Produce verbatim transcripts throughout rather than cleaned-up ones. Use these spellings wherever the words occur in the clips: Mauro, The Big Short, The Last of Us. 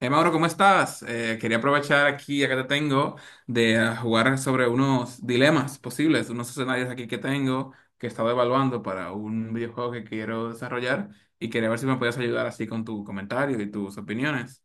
Eh, Mauro, ¿cómo estás? Eh, quería aprovechar aquí, acá te tengo, de ah, jugar sobre unos dilemas posibles, unos escenarios aquí que tengo, que he estado evaluando para un videojuego que quiero desarrollar y quería ver si me puedes ayudar así con tu comentario y tus opiniones.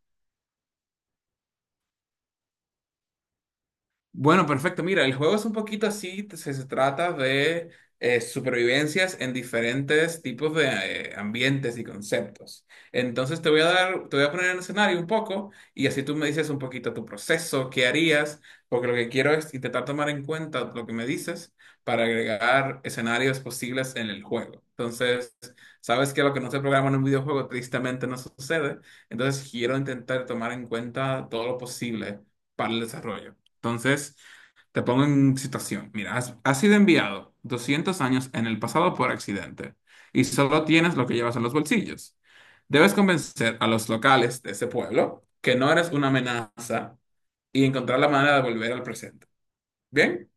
Bueno, perfecto. Mira, el juego es un poquito así, t- se, se trata de eh, supervivencias en diferentes tipos de eh, ambientes y conceptos. Entonces te voy a dar, te voy a poner en escenario un poco y así tú me dices un poquito tu proceso, qué harías, porque lo que quiero es intentar tomar en cuenta lo que me dices para agregar escenarios posibles en el juego. Entonces, sabes que lo que no se programa en un videojuego tristemente no sucede, entonces quiero intentar tomar en cuenta todo lo posible para el desarrollo. Entonces, te pongo en situación. Mira, has, has sido enviado doscientos años en el pasado por accidente y solo tienes lo que llevas en los bolsillos. Debes convencer a los locales de ese pueblo que no eres una amenaza y encontrar la manera de volver al presente. ¿Bien?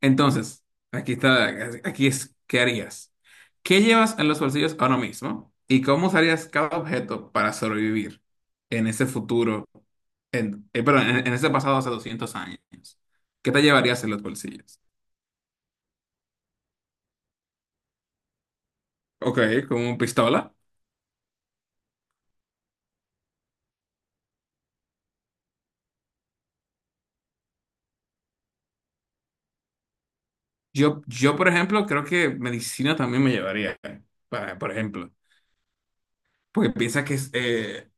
Entonces, aquí está, aquí es, ¿qué harías? ¿Qué llevas en los bolsillos ahora mismo? ¿Y cómo usarías cada objeto para sobrevivir en ese futuro, en, eh, perdón, en, en ese pasado hace doscientos años? ¿Qué te llevarías en los bolsillos? Ok, como pistola. Yo, yo, por ejemplo, creo que medicina también me llevaría, para, por ejemplo, porque piensa que es, eh,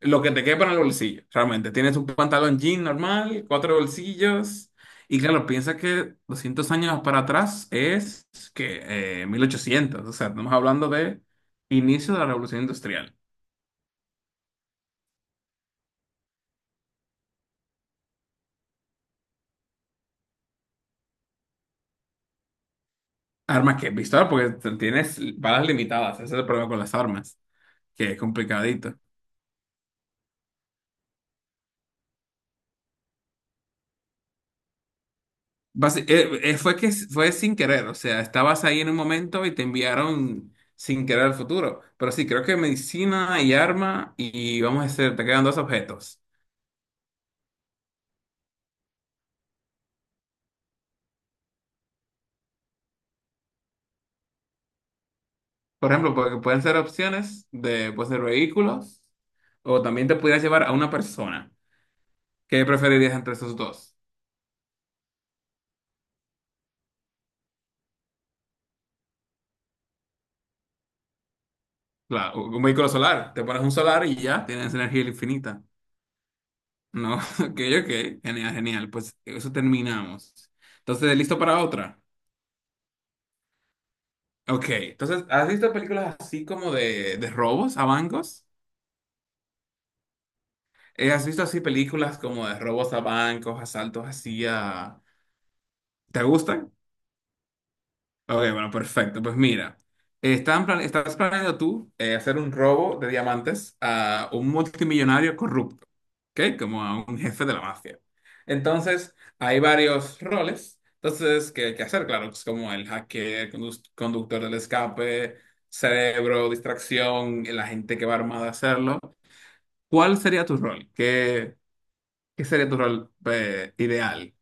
lo que te quepa en el bolsillo, realmente. Tienes un pantalón jean normal, cuatro bolsillos. Y claro, piensa que doscientos años para atrás es que eh, mil ochocientos. O sea, estamos hablando de inicio de la revolución industrial. Armas que, pistola, porque t- tienes balas limitadas. Ese es el problema con las armas, que es complicadito. Basi- eh, eh, fue que s- fue sin querer. O sea, estabas ahí en un momento y te enviaron sin querer al futuro. Pero sí, creo que medicina y arma. Y vamos a hacer, te quedan dos objetos. Por ejemplo, porque pueden ser opciones de, pues, de vehículos o también te pudieras llevar a una persona. ¿Qué preferirías entre esos dos? La- un vehículo solar. Te pones un solar y ya tienes energía infinita. No, ok, ok. Genial, genial. Pues eso terminamos. Entonces, ¿listo para otra? Ok. Entonces, ¿has visto películas así como de, de robos a bancos? Eh, ¿has visto así películas como de robos a bancos, asaltos así a... ¿Te gustan? Ok, bueno, perfecto. Pues mira, están plan- estás planeando tú eh, hacer un robo de diamantes a un multimillonario corrupto, ¿ok? Como a un jefe de la mafia. Entonces, hay varios roles. Entonces, ¿qué hay que hacer? Claro, pues como el hacker, condus- conductor del escape, cerebro, distracción, la gente que va armada a hacerlo. ¿Cuál sería tu rol? ¿Qué, qué sería tu rol eh, ideal?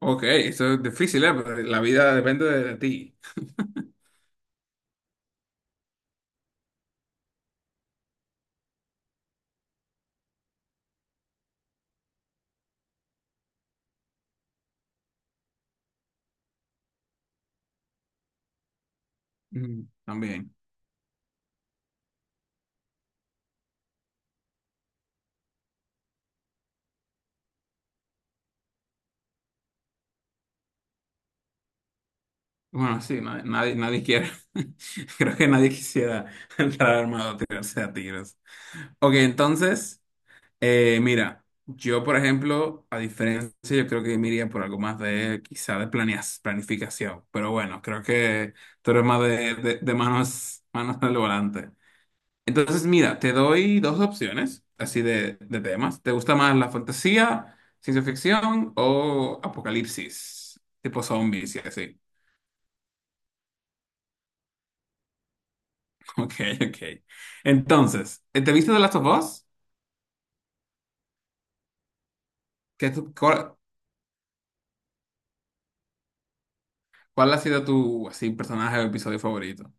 Ok, eso es difícil, ¿eh? Pero la vida depende de de ti. Mm, también. Bueno, sí, nadie, nadie, nadie quiere. Creo que nadie quisiera entrar armado a tirarse a tiros. Ok, entonces, eh, mira, yo, por ejemplo, a diferencia, yo creo que me iría por algo más de, quizá de planeas- planificación. Pero bueno, creo que tú eres más de, de, de manos, manos al volante. Entonces, mira, te doy dos opciones, así de, de temas. ¿Te gusta más la fantasía, ciencia ficción o apocalipsis, tipo zombies y así? Ok, ok. Entonces, eh, ¿te viste The Last of Us? ¿Qué es tu- cuál, cuál ha sido tu así, personaje o episodio favorito?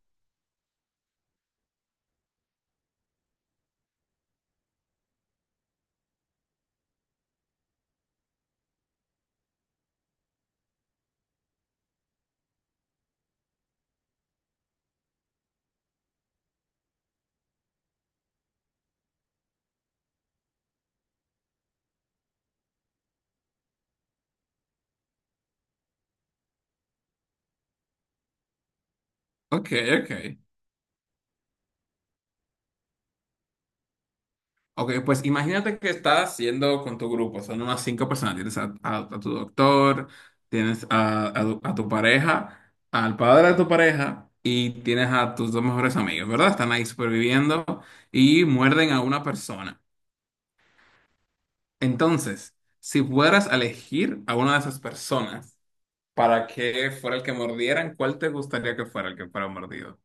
Ok, ok. Ok, pues imagínate que estás haciendo con tu grupo, son unas cinco personas. Tienes a, a- a tu doctor, tienes a, a tu a tu pareja, al padre de tu pareja y tienes a tus dos mejores amigos, ¿verdad? Están ahí superviviendo y muerden a una persona. Entonces, si fueras a elegir a una de esas personas, para que fuera el que mordieran, ¿cuál te gustaría que fuera el que fuera mordido?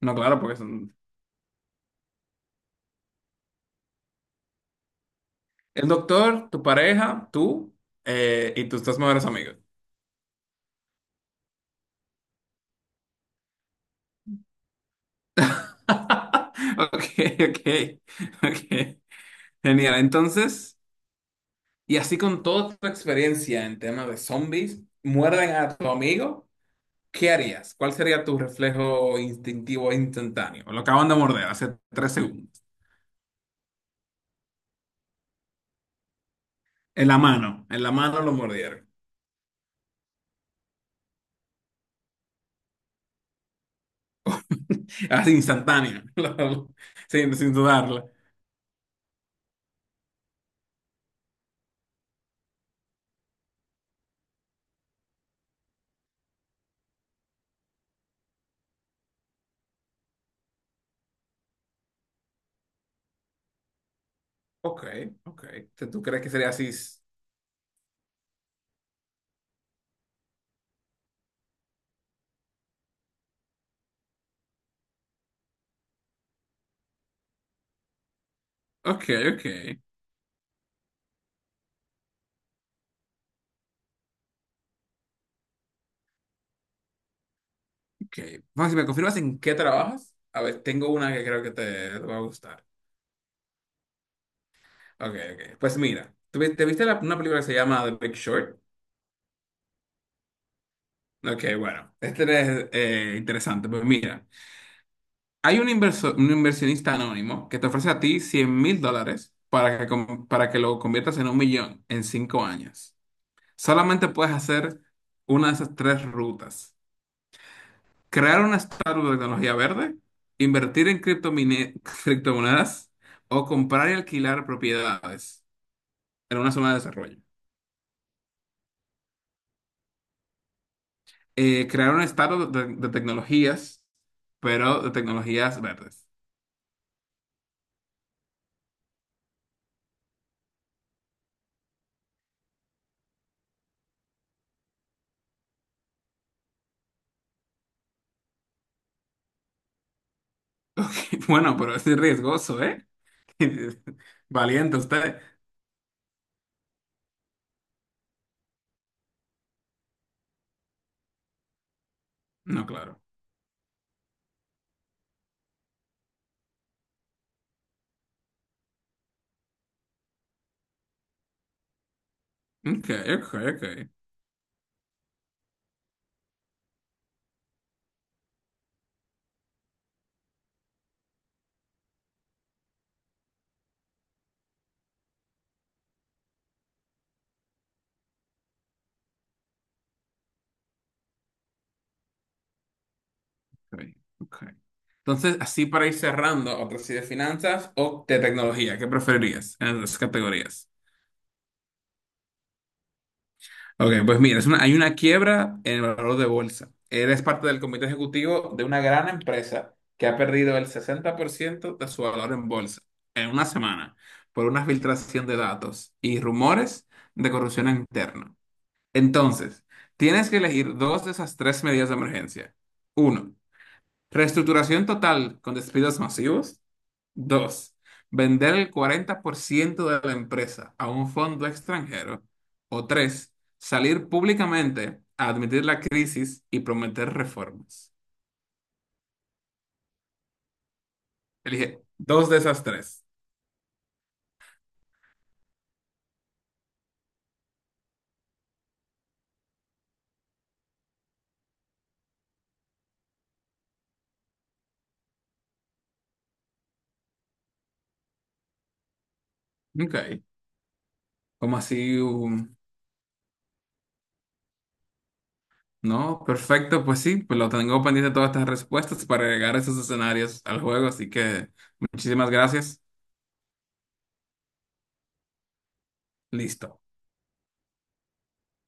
No, claro, porque son el doctor, tu pareja, tú eh, y tus dos mejores amigos. Ok, ok, ok. Genial. Entonces, y así con toda tu experiencia en tema de zombies, muerden a tu amigo, ¿qué harías? ¿Cuál sería tu reflejo instintivo instantáneo? Lo acaban de morder hace tres segundos. En la mano, en la mano lo mordieron. Así instantánea, la- sin, sin dudarla. Ok, ok. Entonces, ¿tú crees que sería así? Ok, ok, ok. Bueno, si me confirmas en qué trabajas, a ver, tengo una que creo que te, te va a gustar. Ok, ok. Pues mira, ¿tú vi- ¿te viste la- una película que se llama The Big Short? Ok, bueno, este es eh, interesante. Pues mira, hay un, inverso- un inversionista anónimo que te ofrece a ti cien mil dólares para que, com- para que lo conviertas en un millón en cinco años. Solamente puedes hacer una de esas tres rutas. Crear una startup de tecnología verde, invertir en criptomine- criptomonedas o comprar y alquilar propiedades en una zona de desarrollo. Eh, crear una startup de, de tecnologías, pero de tecnologías verdes. Ok, bueno, pero es riesgoso, ¿eh? Valiente usted. No, claro. Ok, ok, ok. Ok, ok. Entonces, así para ir cerrando, otra sí de finanzas o de tecnología, ¿qué preferirías en las dos categorías? Ok, pues mira, es una- hay una quiebra en el valor de bolsa. Eres parte del comité ejecutivo de una gran empresa que ha perdido el sesenta por ciento de su valor en bolsa en una semana por una filtración de datos y rumores de corrupción interna. Entonces, tienes que elegir dos de esas tres medidas de emergencia. Uno, reestructuración total con despidos masivos. Dos, vender el cuarenta por ciento de la empresa a un fondo extranjero. O tres, salir públicamente a admitir la crisis y prometer reformas. Elige dos de esas tres. Ok, ¿como así? un- No, perfecto, pues sí, pues lo tengo pendiente todas estas respuestas para agregar esos escenarios al juego, así que muchísimas gracias. Listo.